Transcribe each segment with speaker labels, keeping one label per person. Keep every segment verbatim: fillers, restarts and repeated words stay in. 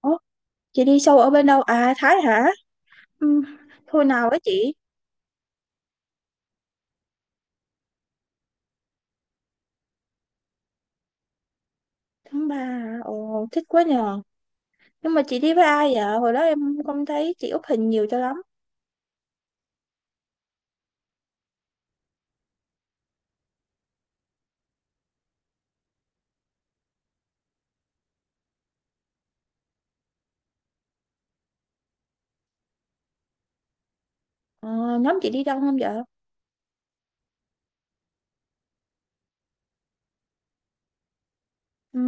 Speaker 1: Ủa, chị đi sâu ở bên đâu? À, Thái hả? Ừ, thôi nào với chị. Tháng ba hả? Ồ, thích quá nhờ. Nhưng mà chị đi với ai vậy? Hồi đó em không thấy chị up hình nhiều cho lắm. Ờ, nhóm chị đi đông không vậy? Ừ,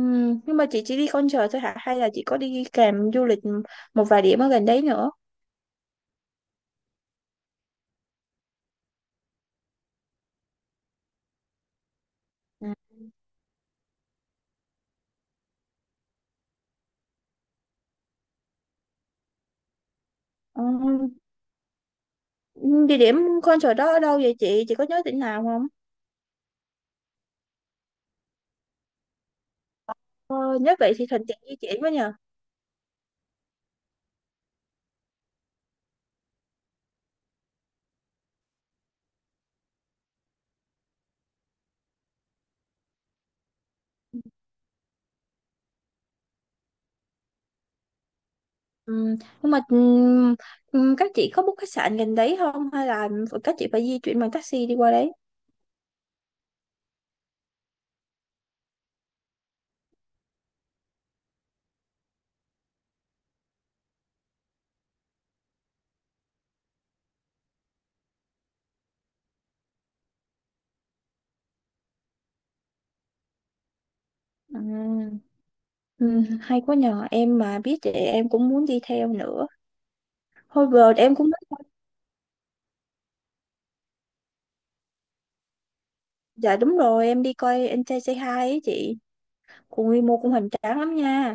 Speaker 1: nhưng mà chị chỉ đi concert thôi hả? Hay là chị có đi kèm du lịch một vài điểm ở gần đấy nữa? Ừ. Ờ, địa điểm concert đó ở đâu vậy chị? Chị có nhớ tỉnh nào không? Ờ, nhớ vậy thì thuận tiện di chuyển với nhờ. Ừ, nhưng mà ừm, ừm, các chị có book khách sạn gần đấy không hay là các chị phải di chuyển bằng taxi đi qua đấy? Ừ, ừ, hay quá nhờ em mà biết thì em cũng muốn đi theo nữa. Thôi vừa em cũng mới dạ đúng rồi em đi coi anh trai Say Hi ấy chị. Cũng quy mô cũng hoành tráng lắm nha.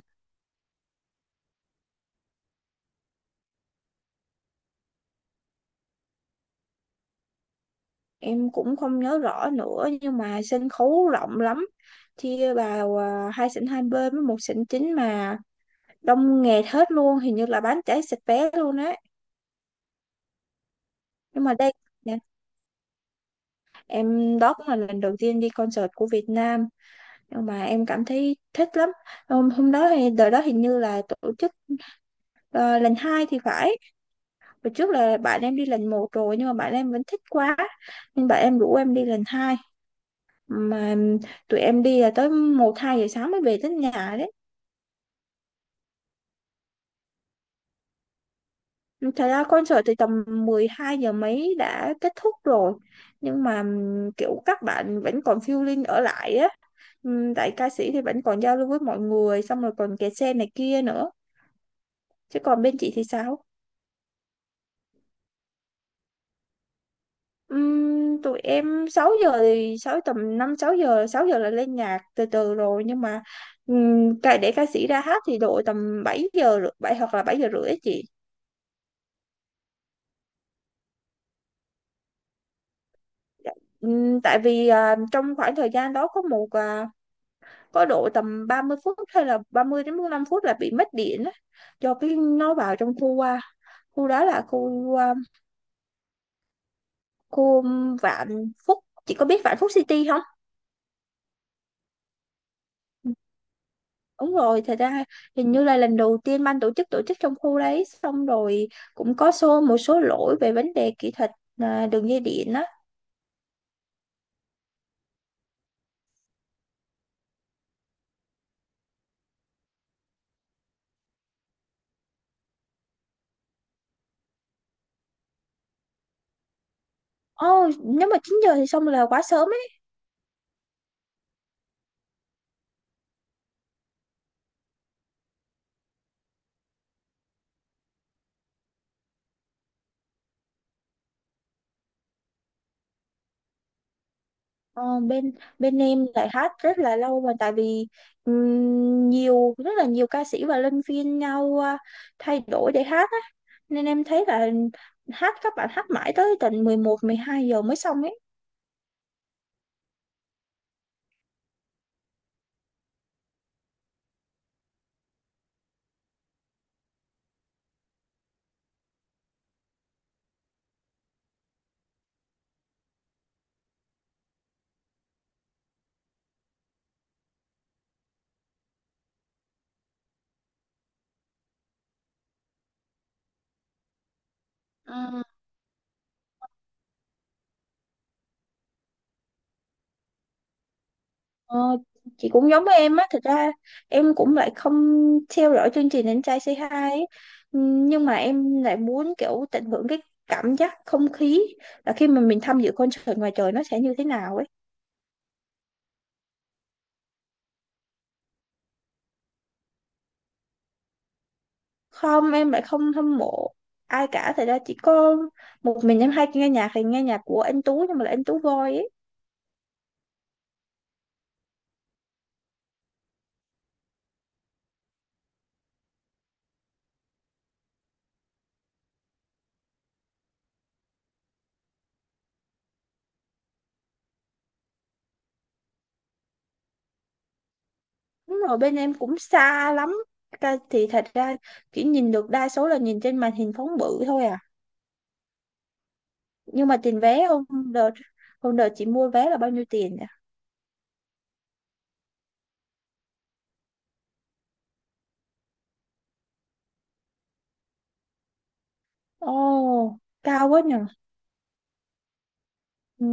Speaker 1: Em cũng không nhớ rõ nữa nhưng mà sân khấu rộng lắm. Chia vào à, hai sảnh hai bên với một sảnh chính mà đông nghẹt hết luôn, hình như là bán cháy sạch vé luôn á. Nhưng mà đây em đó cũng là lần đầu tiên đi concert của Việt Nam nhưng mà em cảm thấy thích lắm. Hôm, hôm đó thì đợt đó hình như là tổ chức ờ, lần hai thì phải. Hồi trước là bạn em đi lần một rồi nhưng mà bạn em vẫn thích quá nên bạn em rủ em đi lần hai, mà tụi em đi là tới một hai giờ sáng mới về tới nhà đấy. Thật ra concert thì tầm mười hai giờ mấy đã kết thúc rồi nhưng mà ừm, kiểu các bạn vẫn còn feeling ở lại á. Ừm, tại ca sĩ thì vẫn còn giao lưu với mọi người xong rồi còn kẹt xe này kia nữa, chứ còn bên chị thì sao? Ừm, tụi em sáu giờ thì sáu, tầm năm sáu giờ, sáu giờ là lên nhạc từ từ rồi nhưng mà ừm, ca- để ca sĩ ra hát thì độ tầm bảy giờ rưỡi- bảy hoặc là bảy giờ rưỡi á chị. Dạ. Ừm, tại vì à, trong khoảng thời gian đó có một à, có độ tầm ba mươi phút hay là ba mươi đến bốn mươi lăm phút là bị mất điện á, do cái nó vào trong khu qua, khu đó là khu à, khu Vạn Phúc, chị có biết Vạn Phúc City không. Đúng rồi, thật ra hình như là lần đầu tiên ban tổ chức tổ chức trong khu đấy xong rồi cũng có xô một số lỗi về vấn đề kỹ thuật, à, đường dây điện á. Ồ, nếu mà chín giờ thì xong là quá sớm. Ờ, bên bên em lại hát rất là lâu, mà tại vì ừm, nhiều, rất là nhiều ca sĩ và luân phiên nhau à, thay đổi để hát á, nên em thấy là hát, các bạn hát mãi tới tận mười một mười hai giờ mới xong ấy. Ờ, ờ, chị cũng giống với em á, thật ra em cũng lại không theo dõi chương trình Anh trai Say Hi ấy. Ừm, Nhưng mà em lại muốn kiểu tận hưởng cái cảm giác không khí là khi mà mình tham dự concert ngoài trời nó sẽ như thế nào ấy. Không, em lại không hâm mộ ai cả, thật ra chỉ có một mình em hay nghe nhạc thì nghe nhạc của anh Tú, nhưng mà là anh Tú Voi ấy. Đúng rồi, bên em cũng xa lắm. Ca- thì thật ra chỉ nhìn được đa số là nhìn trên màn hình phóng bự thôi à, nhưng mà tiền vé hôm đợt hôm đợt chị mua vé là bao nhiêu tiền nhỉ. Ồ, cao quá nhỉ. Ừ,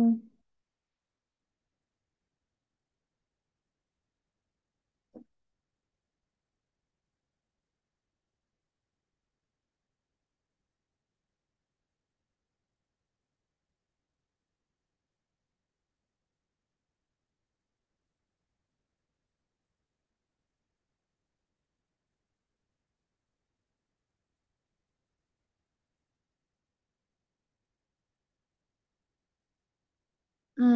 Speaker 1: ừ,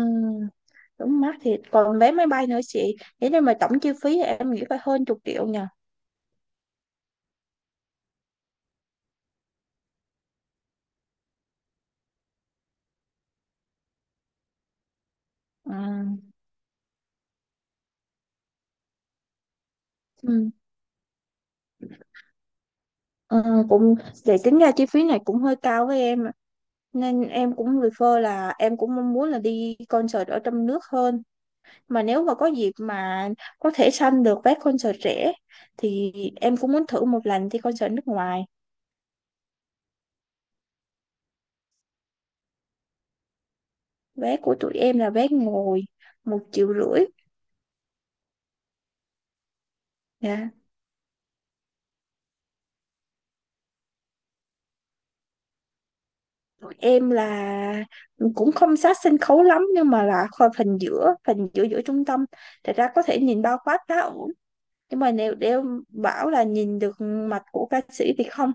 Speaker 1: đúng, mắc thiệt, còn vé máy bay nữa chị, thế nên mà tổng chi phí thì em nghĩ phải hơn chục triệu nhỉ. Ừ, ừ, ừ, cũng, để tính ra chi phí này cũng hơi cao với em. Nên em cũng refer là em cũng mong muốn là đi concert ở trong nước hơn. Mà nếu mà có dịp mà có thể săn được vé concert rẻ thì em cũng muốn thử một lần đi concert nước ngoài. Vé của tụi em là vé ngồi một triệu rưỡi. Dạ. Tụi em là cũng không sát sân khấu lắm nhưng mà là kho- phần giữa, phần giữa giữa trung tâm. Thật ra có thể nhìn bao quát khá ổn. Nhưng mà nếu để bảo là nhìn được mặt của ca sĩ thì không.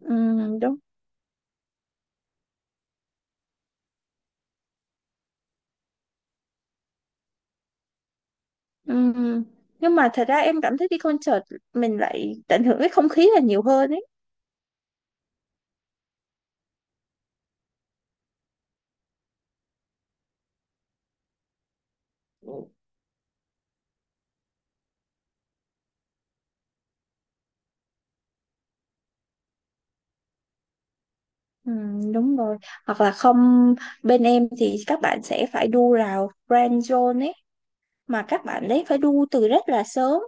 Speaker 1: Ừ, đúng. Ừm, Nhưng mà thật ra em cảm thấy đi concert mình lại tận hưởng cái không khí là nhiều hơn ấy. Ừm, đúng rồi. Hoặc là không, bên em thì các bạn sẽ phải đu rào Grand Zone ấy, mà các bạn đấy phải đu từ rất là sớm.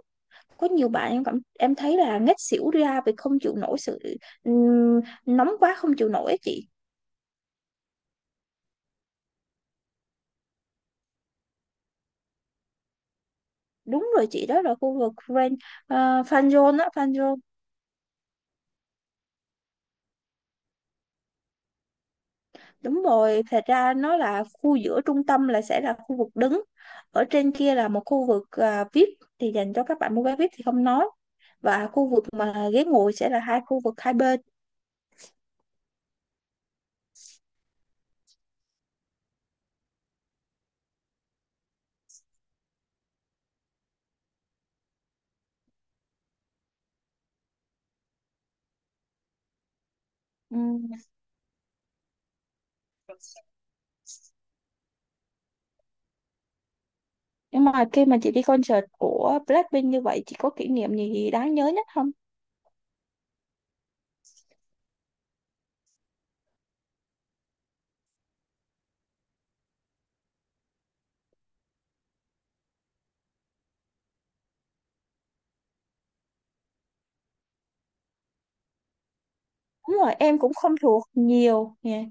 Speaker 1: Có nhiều bạn, em cảm em thấy là ngất xỉu ra vì không chịu nổi sự ừm, nóng, quá không chịu nổi ấy chị. Đúng rồi chị, đó là khu vực Grand uh, Fan Zone á, Fan Zone. Đúng rồi, thật ra nó là khu giữa trung tâm, là sẽ là khu vực đứng. Ở trên kia là một khu vực à, vê i pê thì dành cho các bạn mua vé vê i pê thì không nói. Và khu vực mà ghế ngồi sẽ là hai khu vực hai bên. Ừm, Nhưng mà khi mà chị đi concert của Blackpink như vậy, chị có kỷ niệm gì đáng nhớ nhất không? Đúng rồi, em cũng không thuộc nhiều nha.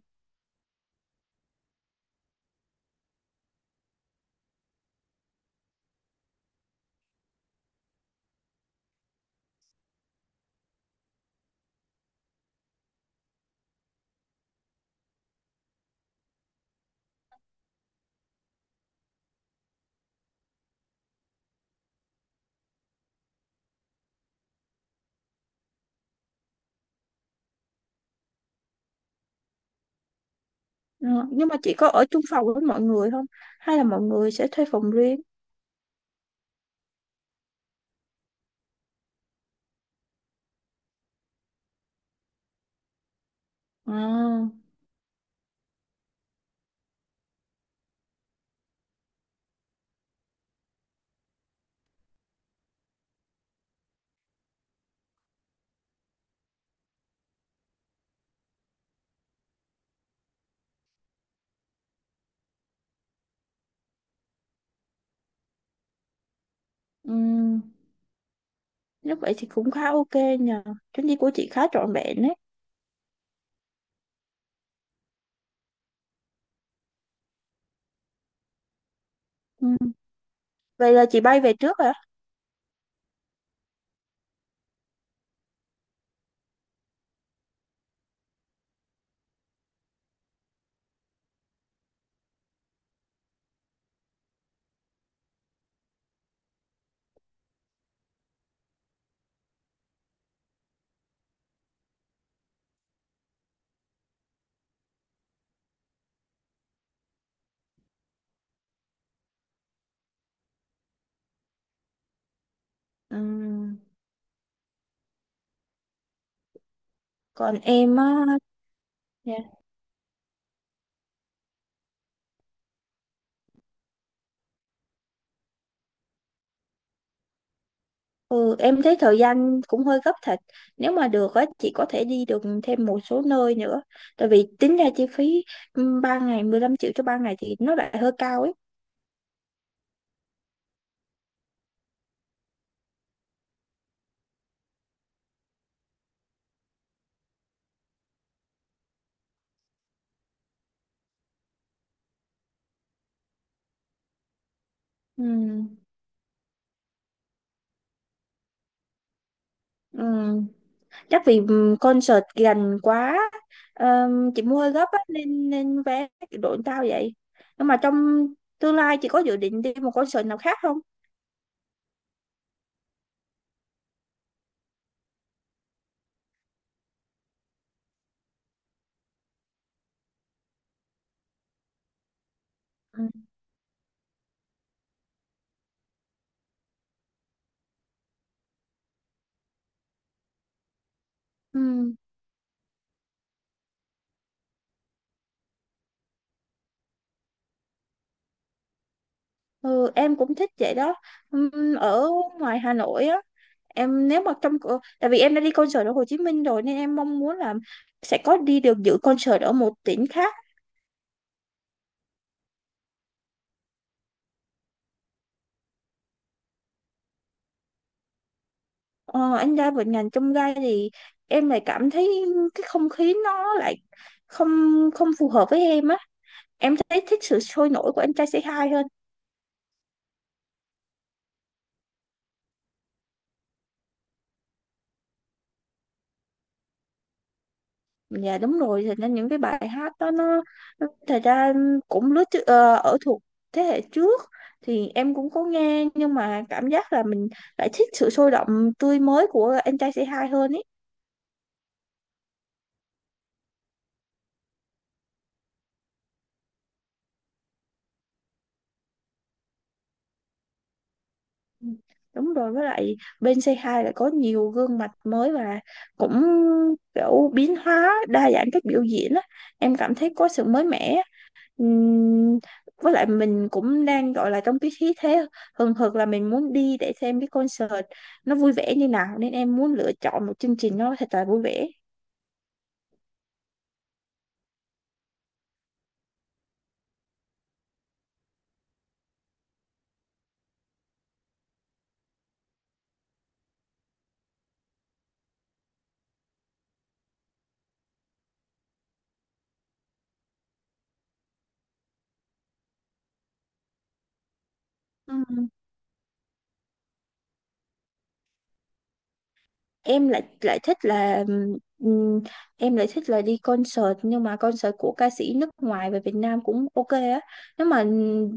Speaker 1: Ừ, nhưng mà chị có ở chung phòng với mọi người không? Hay là mọi người sẽ thuê phòng riêng? À, ừm, nếu vậy thì cũng khá ok nhờ. Chuyến đi của chị khá trọn vẹn đấy. Vậy là chị bay về trước hả? Ừm, Còn em á, dạ. Ừ, em thấy thời gian cũng hơi gấp thật. Nếu mà được á, chị có thể đi được thêm một số nơi nữa. Tại vì tính ra chi phí ừm, ba ngày, mười lăm triệu cho ba ngày thì nó lại hơi cao ấy. Ừm, Ừm, Chắc vì ừm, concert gần quá, Ờm, chị mua hơi gấp á, nên nên vé đội tao vậy. Nhưng mà trong tương lai chị có dự định đi một concert nào khác không? Ừm. Ừ, em cũng thích vậy đó. Ừm, Ở ngoài Hà Nội á, em nếu mà trong cỡ- tại vì em đã đi concert ở Hồ Chí Minh rồi nên em mong muốn là sẽ có đi được dự concert ở một tỉnh khác. Ờ, anh ra vịnh Ngàn Chông Gai thì em lại cảm thấy cái không khí nó lại không không phù hợp với em á. Em thấy thích sự sôi nổi của anh trai Say Hi hơn. Dạ đúng rồi, thì nên những cái bài hát đó nó nó- thật ra cũng lứa chứ- ờ, ở thuộc thế hệ trước thì em cũng có nghe nhưng mà cảm giác là mình lại thích sự sôi động, tươi mới của anh trai sê hai hơn ý. Ừ, đúng rồi, với lại bên xê hai lại có nhiều gương mặt mới và cũng kiểu biến hóa đa dạng cách biểu diễn á. Em cảm thấy có sự mới mẻ. Ừm, với lại mình cũng đang gọi là trong cái khí thế hừng hực là mình muốn đi để xem cái concert nó vui vẻ như nào, nên em muốn lựa chọn một chương trình nó thật là vui vẻ. Ừm. em lại lại thích là ừm, em lại thích là đi concert, nhưng mà concert của ca sĩ nước ngoài về Việt Nam cũng ok á, nếu mà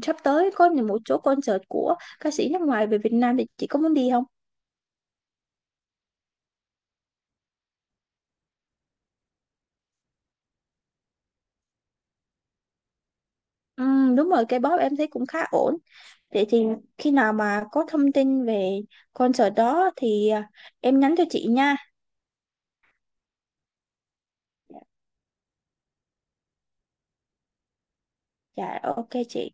Speaker 1: sắp tới có một số concert của ca sĩ nước ngoài về Việt Nam thì chị có muốn đi không. Ừm, đúng rồi, K-pop em thấy cũng khá ổn. Vậy thì khi nào mà có thông tin về concert đó thì à, em nhắn cho chị nha. Dạ, dạ, ok chị.